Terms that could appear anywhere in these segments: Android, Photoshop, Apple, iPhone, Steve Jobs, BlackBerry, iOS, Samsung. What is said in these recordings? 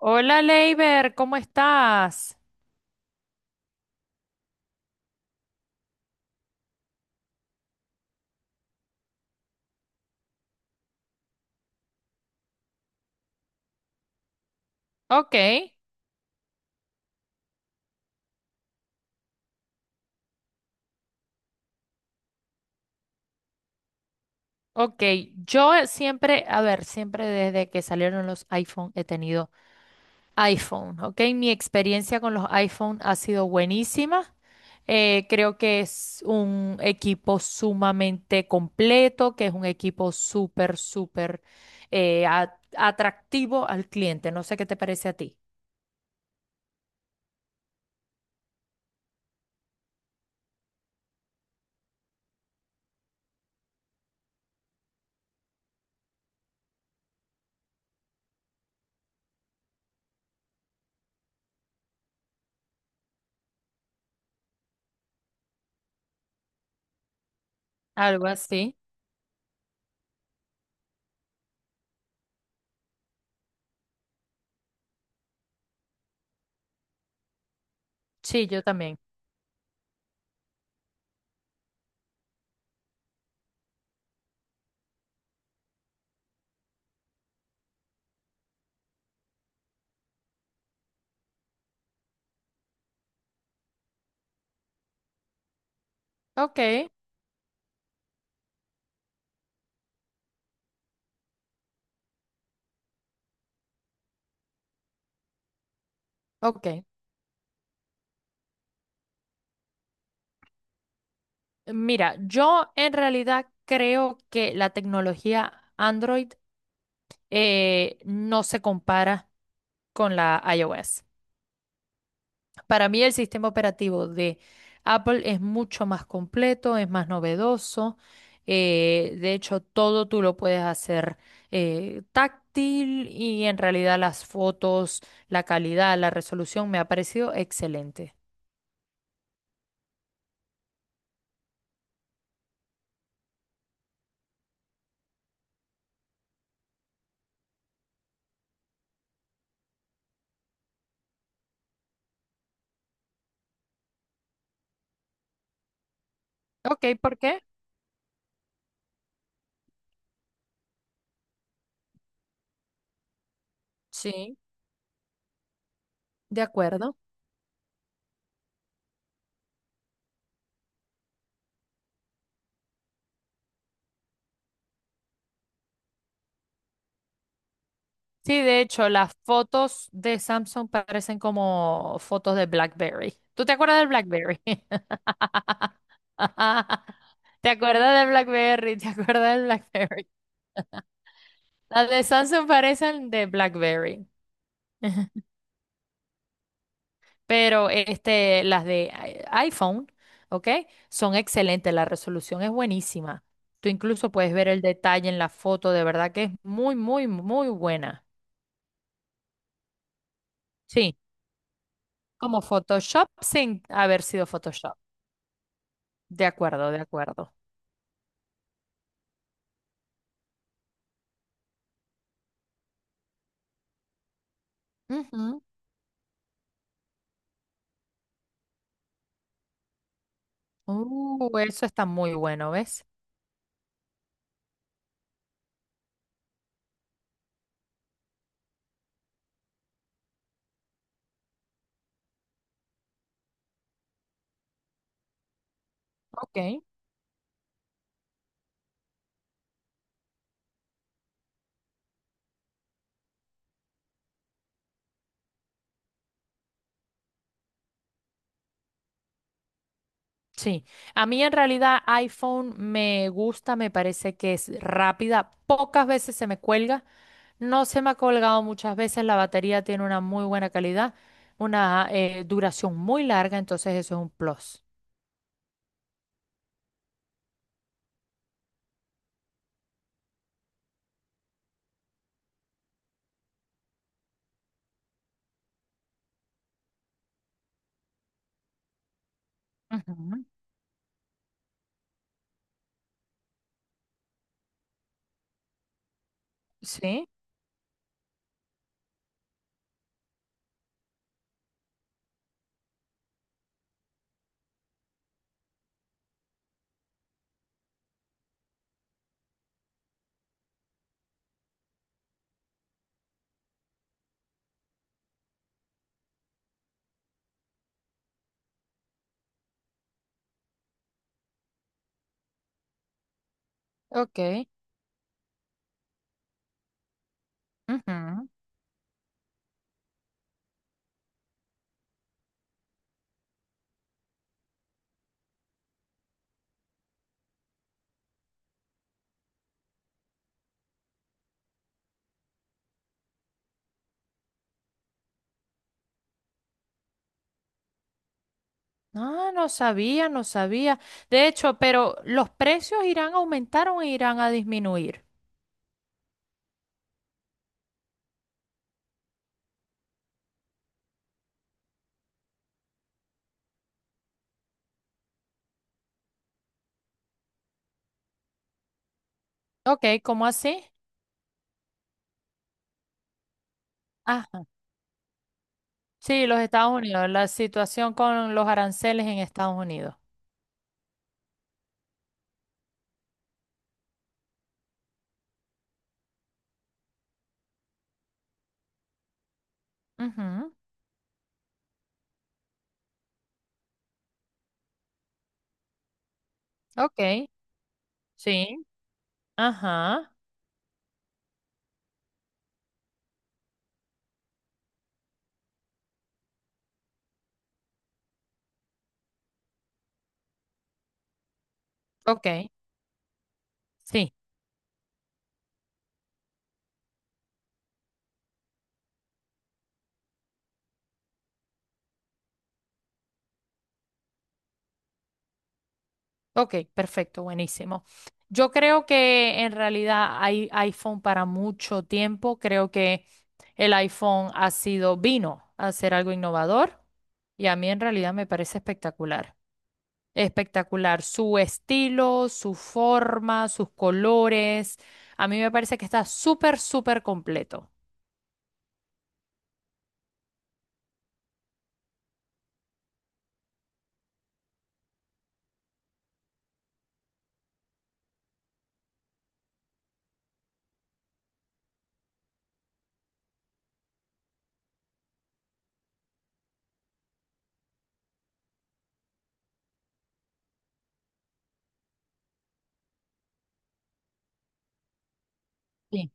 Hola, Leiber, ¿cómo estás? Ok, ok. Yo siempre, a ver, siempre desde que salieron los iPhone he tenido iPhone, ok. Mi experiencia con los iPhone ha sido buenísima. Creo que es un equipo sumamente completo, que es un equipo súper, súper atractivo al cliente. No sé qué te parece a ti. Algo así. Sí, yo también. Ok, ok. Mira, yo en realidad creo que la tecnología Android no se compara con la iOS. Para mí el sistema operativo de Apple es mucho más completo, es más novedoso. De hecho, todo tú lo puedes hacer táctil y en realidad las fotos, la calidad, la resolución me ha parecido excelente. Ok, ¿por qué? Sí, de acuerdo. Sí, de hecho, las fotos de Samsung parecen como fotos de BlackBerry. ¿Tú te acuerdas del BlackBerry? ¿Te acuerdas del BlackBerry? ¿Te acuerdas del BlackBerry? Las de Samsung parecen de BlackBerry, pero este, las de iPhone, ¿ok? Son excelentes, la resolución es buenísima. Tú incluso puedes ver el detalle en la foto, de verdad que es muy, muy, muy buena. Sí, como Photoshop sin haber sido Photoshop. De acuerdo, de acuerdo. Ujú. Eso está muy bueno, ¿ves? Ok. Sí. A mí en realidad iPhone me gusta, me parece que es rápida. Pocas veces se me cuelga. No se me ha colgado muchas veces. La batería tiene una muy buena calidad, una duración muy larga, entonces eso es un plus. Ujú. Sí, ok. Ujú. Ah, no sabía, no sabía. De hecho, pero los precios irán a aumentar o irán a disminuir. Ok, ¿cómo así? Sí, los Estados Unidos, la situación con los aranceles en Estados Unidos. Ujú, ok, sí, ajá, ok, sí, ok, perfecto, buenísimo. Yo creo que en realidad hay iPhone para mucho tiempo. Creo que el iPhone ha sido, vino a ser algo innovador y a mí en realidad me parece espectacular. Espectacular, su estilo, su forma, sus colores. A mí me parece que está súper, súper completo. Sí.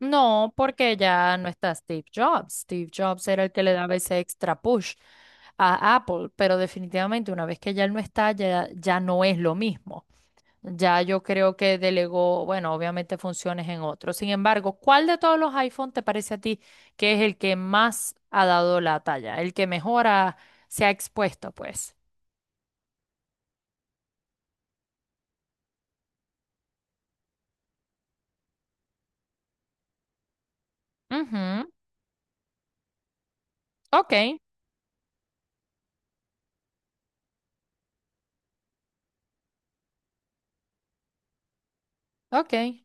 No, porque ya no está Steve Jobs. Steve Jobs era el que le daba ese extra push a Apple, pero definitivamente una vez que ya él no está, ya no es lo mismo. Ya yo creo que delegó, bueno, obviamente funciones en otros. Sin embargo, ¿cuál de todos los iPhone te parece a ti que es el que más ha dado la talla? El que mejor se ha expuesto, pues. Ujú, Ok, ok,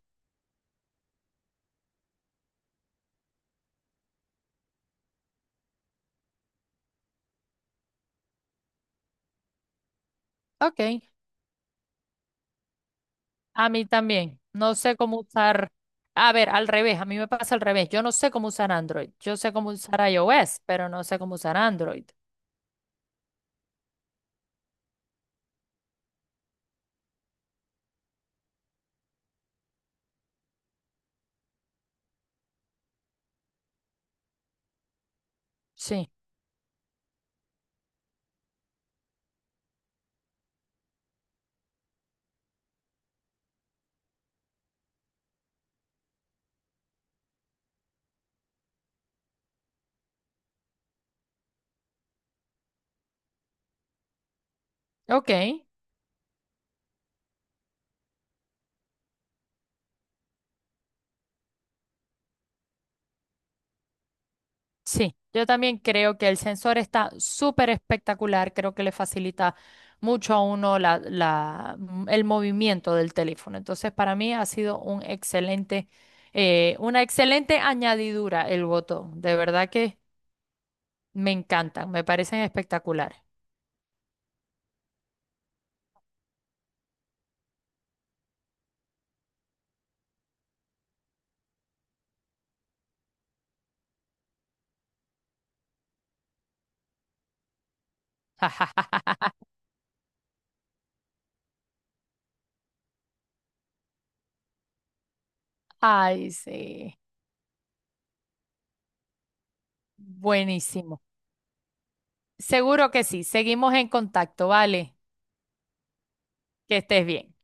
ok. A mí también. No sé cómo usar. A ver, al revés, a mí me pasa al revés. Yo no sé cómo usar Android. Yo sé cómo usar iOS, pero no sé cómo usar Android. Sí, ok. Sí, yo también creo que el sensor está súper espectacular. Creo que le facilita mucho a uno el movimiento del teléfono. Entonces, para mí ha sido un excelente, una excelente añadidura el botón. De verdad que me encantan, me parecen espectaculares. Ay, sí. Buenísimo. Seguro que sí. Seguimos en contacto, ¿vale? Que estés bien.